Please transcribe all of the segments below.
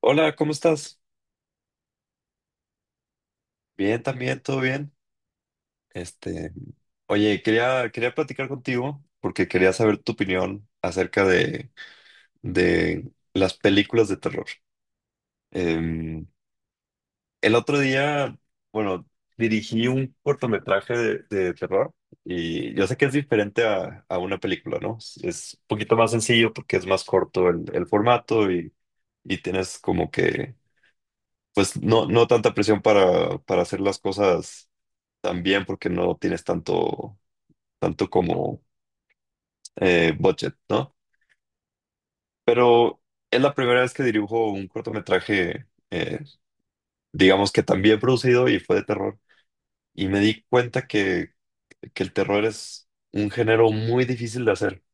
Hola, ¿cómo estás? Bien, también, todo bien. Este, oye, quería platicar contigo porque quería saber tu opinión acerca de las películas de terror. Em, el otro día, bueno, dirigí un cortometraje de terror y yo sé que es diferente a una película, ¿no? Es un poquito más sencillo porque es más corto el formato y tienes como que, pues, no tanta presión para hacer las cosas también porque no tienes tanto, tanto como budget, ¿no? Pero es la primera vez que dirijo un cortometraje, digamos que también producido y fue de terror. Y me di cuenta que el terror es un género muy difícil de hacer.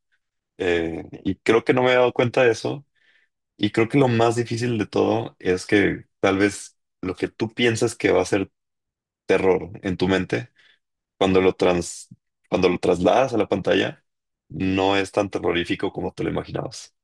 Y creo que no me había dado cuenta de eso. Y creo que lo más difícil de todo es que tal vez lo que tú piensas que va a ser terror en tu mente cuando lo trans, cuando lo trasladas a la pantalla, no es tan terrorífico como te lo imaginabas.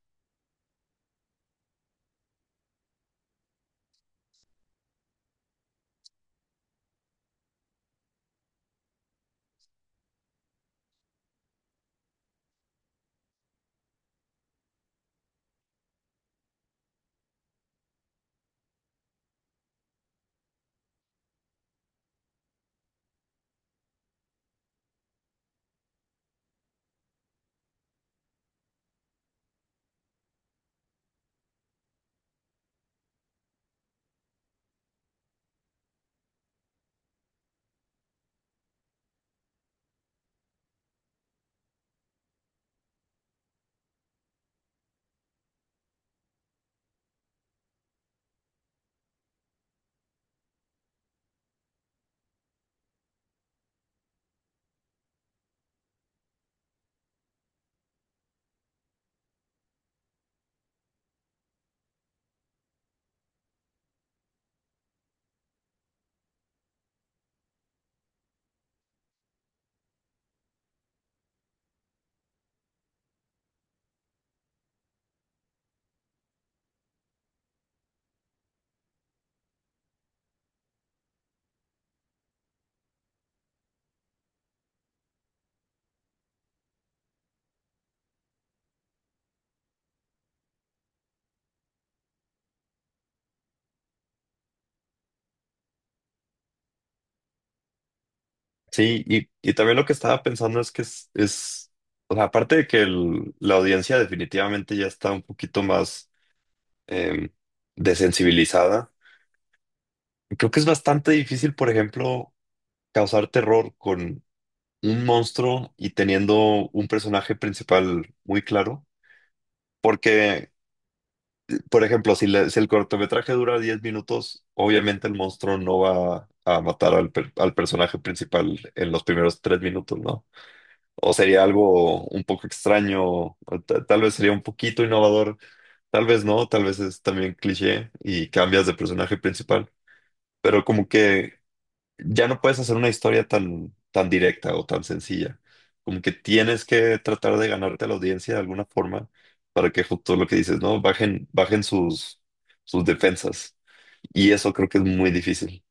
Sí, y también lo que estaba pensando es que es o sea, aparte de que la audiencia definitivamente ya está un poquito más eh, desensibilizada, creo que es bastante difícil, por ejemplo, causar terror con un monstruo y teniendo un personaje principal muy claro, porque por ejemplo, si, si el cortometraje dura 10 minutos, obviamente el monstruo no va a matar al, al personaje principal en los primeros 3 minutos, ¿no? O sería algo un poco extraño, o tal vez sería un poquito innovador, tal vez no, tal vez es también cliché y cambias de personaje principal, pero como que ya no puedes hacer una historia tan, tan directa o tan sencilla. Como que tienes que tratar de ganarte a la audiencia de alguna forma para que justo lo que dices, ¿no? Bajen, bajen sus, sus defensas. Y eso creo que es muy difícil.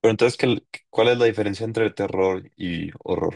Pero entonces, ¿cuál es la diferencia entre terror y horror?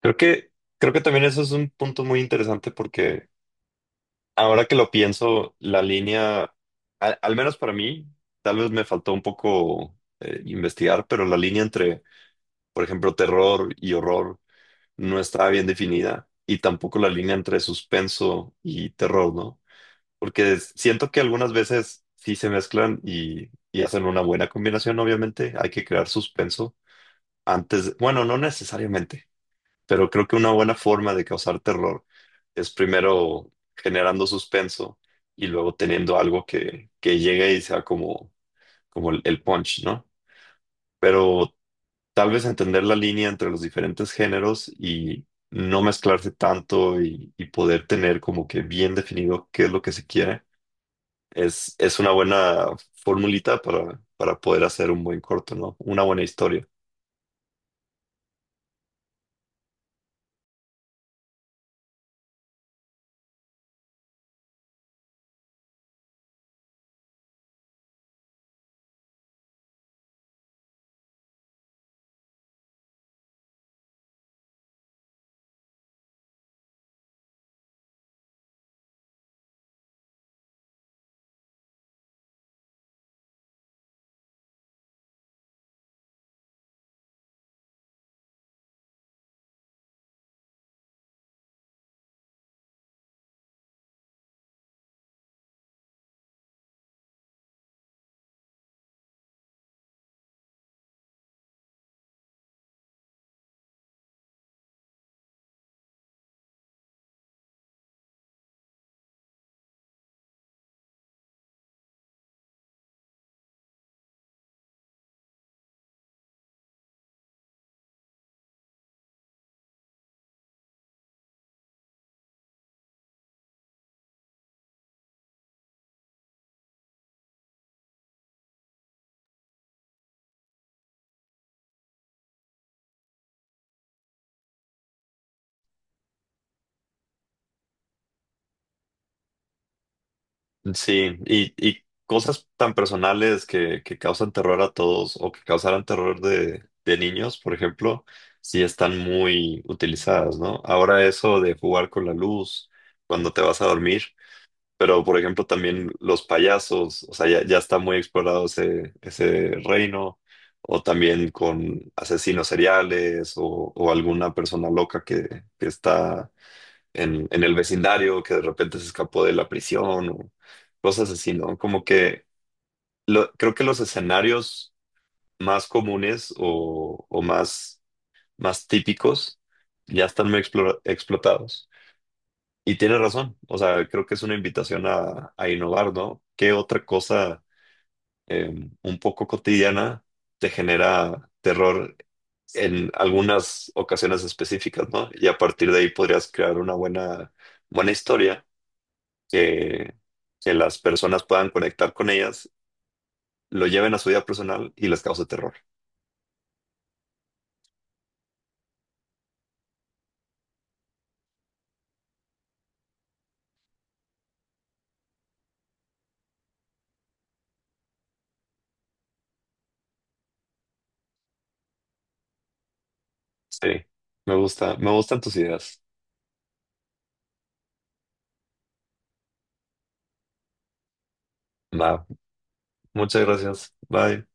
Creo que, creo que también eso es un punto muy interesante porque ahora que lo pienso, la línea, al, al menos para mí, tal vez me faltó un poco investigar, pero la línea entre por ejemplo, terror y horror no estaba bien definida y tampoco la línea entre suspenso y terror, ¿no? Porque siento que algunas veces sí se mezclan y hacen una buena combinación, obviamente. Hay que crear suspenso antes, bueno, no necesariamente, pero creo que una buena forma de causar terror es primero generando suspenso y luego teniendo algo que llegue y sea como, como el punch, ¿no? Pero tal vez entender la línea entre los diferentes géneros y no mezclarse tanto y poder tener como que bien definido qué es lo que se quiere, es una buena formulita para poder hacer un buen corto, ¿no? Una buena historia. Sí, y cosas tan personales que causan terror a todos o que causaran terror de niños, por ejemplo, sí están muy utilizadas, ¿no? Ahora eso de jugar con la luz cuando te vas a dormir. Pero, por ejemplo, también los payasos, o sea, ya, ya está muy explorado ese, ese reino, o también con asesinos seriales o alguna persona loca que está en el vecindario, que de repente se escapó de la prisión, o cosas así, ¿no? Como que creo que los escenarios más comunes o más, más típicos ya están muy explotados. Y tiene razón, o sea, creo que es una invitación a innovar, ¿no? ¿Qué otra cosa eh, un poco cotidiana te genera terror en algunas ocasiones específicas, ¿no? Y a partir de ahí podrías crear una buena, buena historia que, que las personas puedan conectar con ellas, lo lleven a su vida personal y les cause terror. Sí, me gusta, me gustan tus ideas. Va, muchas gracias. Bye.